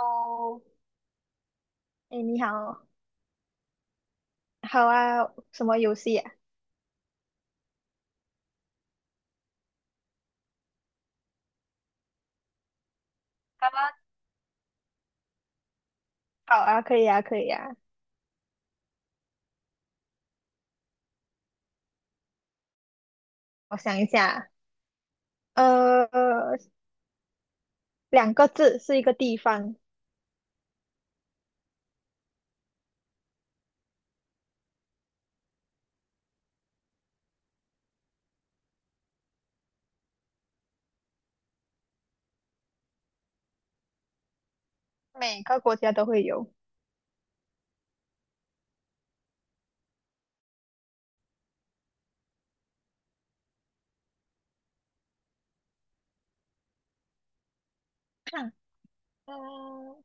哦，哎，你好，好啊，什么游戏啊？好啊，好啊，可以啊，可以啊。我想一下，呃，两个字是一个地方，每个国家都会有。嗯，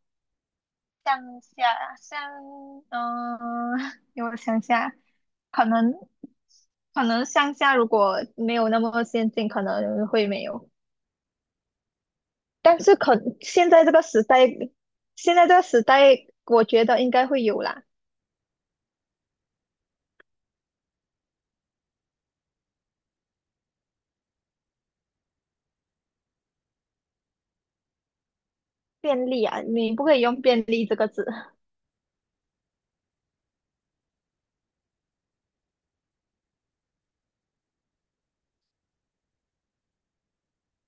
乡下乡，嗯，给我想下，可能可能乡下如果没有那么先进，可能会没有。但是可现在这个时代，现在这个时代，我觉得应该会有啦。便利啊，你不可以用便利这个字，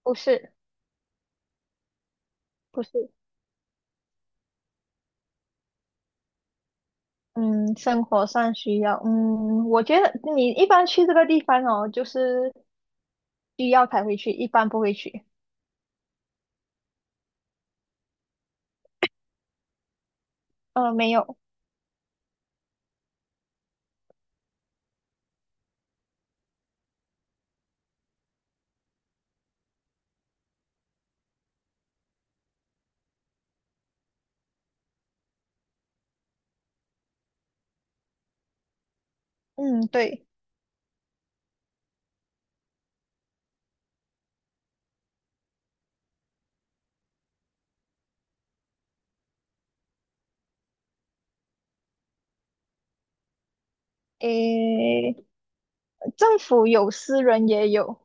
不是不是，嗯，生活上需要，嗯，我觉得你一般去这个地方哦，就是需要才会去，一般不会去。没有，嗯，对，诶，政府有，私人也有，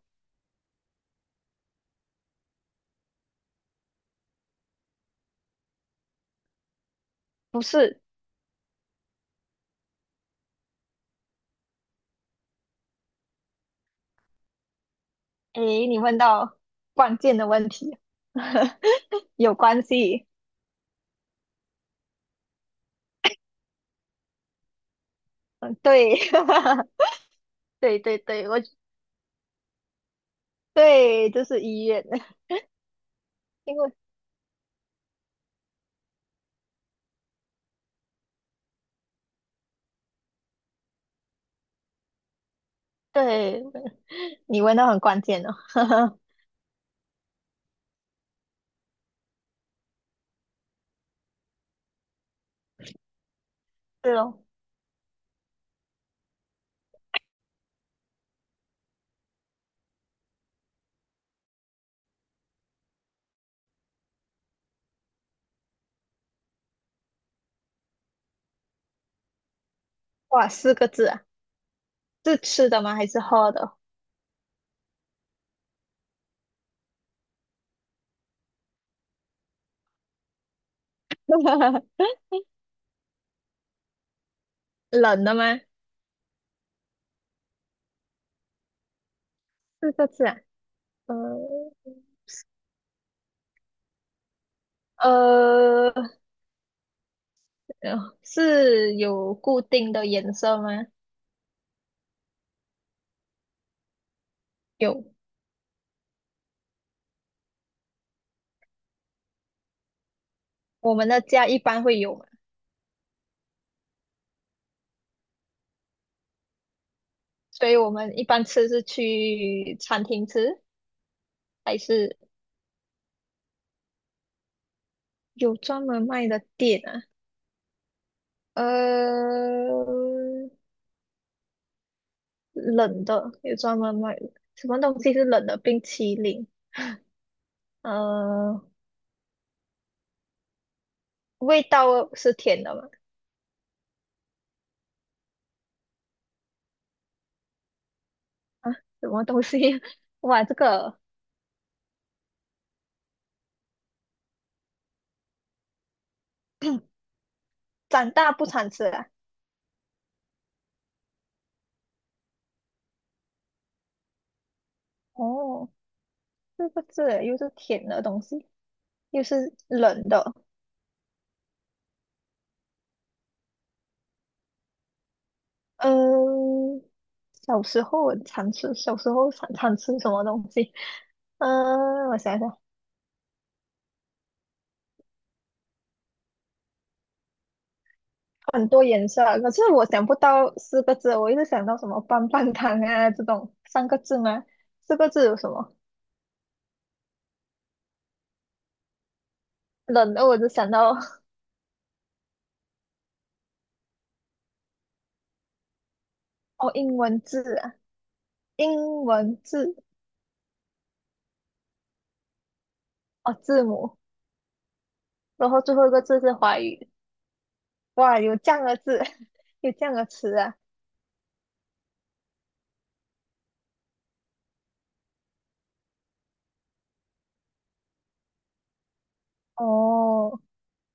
不是，诶，你问到关键的问题，有关系，嗯，对，对对对，对，这是医院，因为对，你问到很关键哦。是哦，哇，四个字啊，是吃的吗？还是喝的？冷的吗？四个字啊，呃呃，是有固定的颜色吗？有，我们的家一般会有嘛，所以我们一般吃是去餐厅吃，还是有专门卖的店啊？呃，冷的有专门卖的，什么东西是冷的？冰淇淋，呃，味道是甜的吗？啊，什么东西？哇，这个长大不常吃啊！哦，四个字耶又是甜的东西，又是冷的。嗯，小时候我常吃，小时候常常吃什么东西？嗯，我想想，很多颜色啊可是我想不到四个字，我一直想到什么棒棒糖啊这种三个字吗？四个字有什么？冷的我就想到哦，英文字啊，英文字哦，字母，然后最后一个字是华语。哇，有这样的字，有这样的词啊！哦，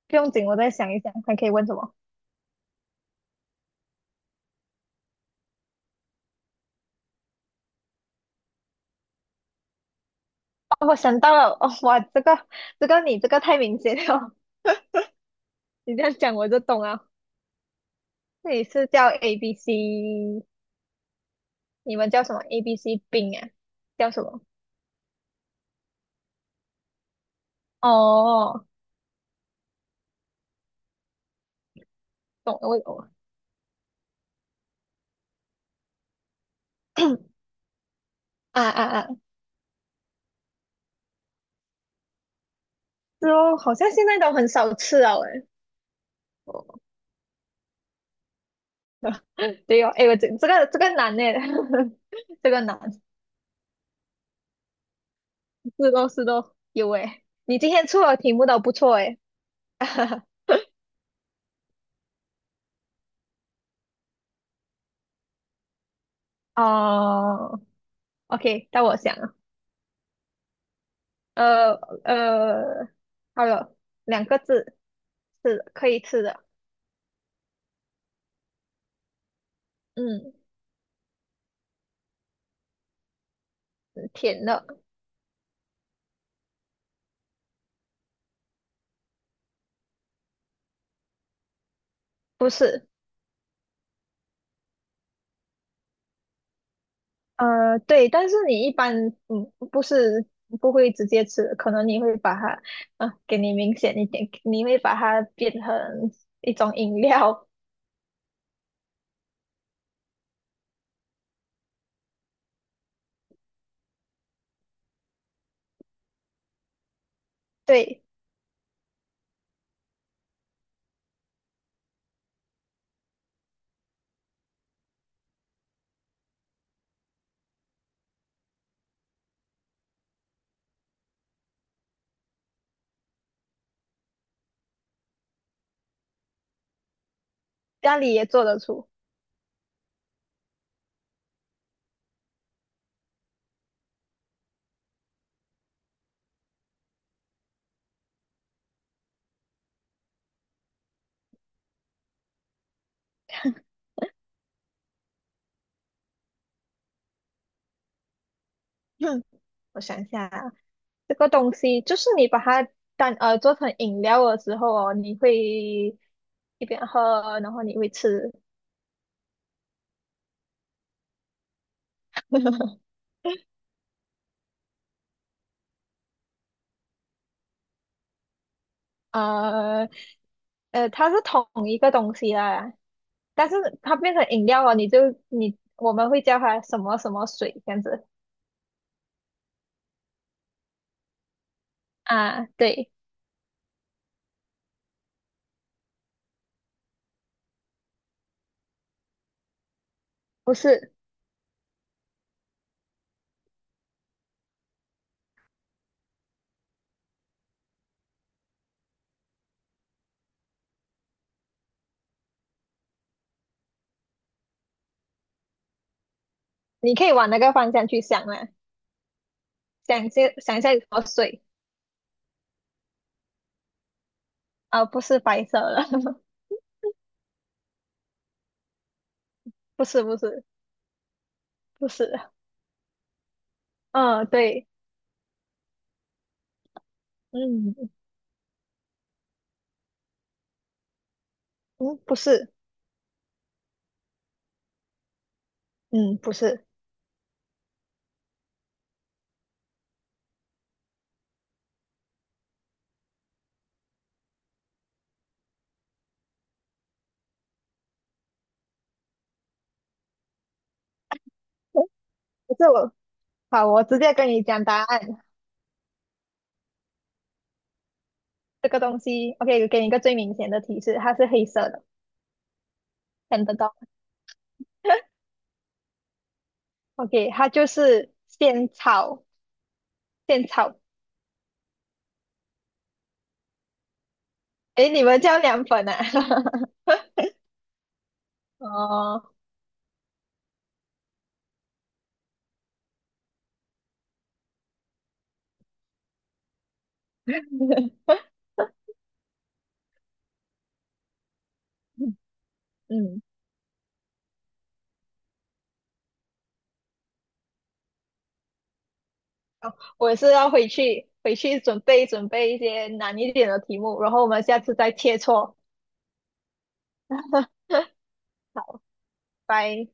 不用紧，我再想一想，还可以问什么？哦，我想到了，哦，哇，这个你这个太明显了，你这样讲我就懂了。这里是叫 A B C，你们叫什么？A B C 冰啊？叫什么？哦，懂了，我懂了。啊啊啊！是哦，好像现在都很少吃了诶。对哦，诶，我这个这个难诶，这个难，是都是都有诶。你今天出的题目都不错诶。哦，OK，到我想了，呃呃，好了，两个字，是的可以吃的，嗯，甜的，不是，对，但是你一般，嗯，不是不会直接吃，可能你会把它，啊、给你明显一点，你会把它变成一种饮料，对，家里也做得出，我想一下啊，这个东西就是你把它当做成饮料的时候哦，你会一边喝，然后你会吃。呃它是同一个东西啦，但是它变成饮料了，你就你我们会叫它什么什么水这样子啊？对，不是，你可以往那个方向去想啦，想一下有什么水啊？不是白色的，不是不是不是，嗯，对，嗯嗯，不是，嗯不是，诶不是我。好，我直接跟你讲答案。这个东西，OK，给你一个最明显的提示，它是黑色的，看得到。OK，它就是现炒现炒。诶，你们叫凉粉啊？哦，嗯，我是要回去准备准备一些难一点的题目，然后我们下次再切磋。好，拜。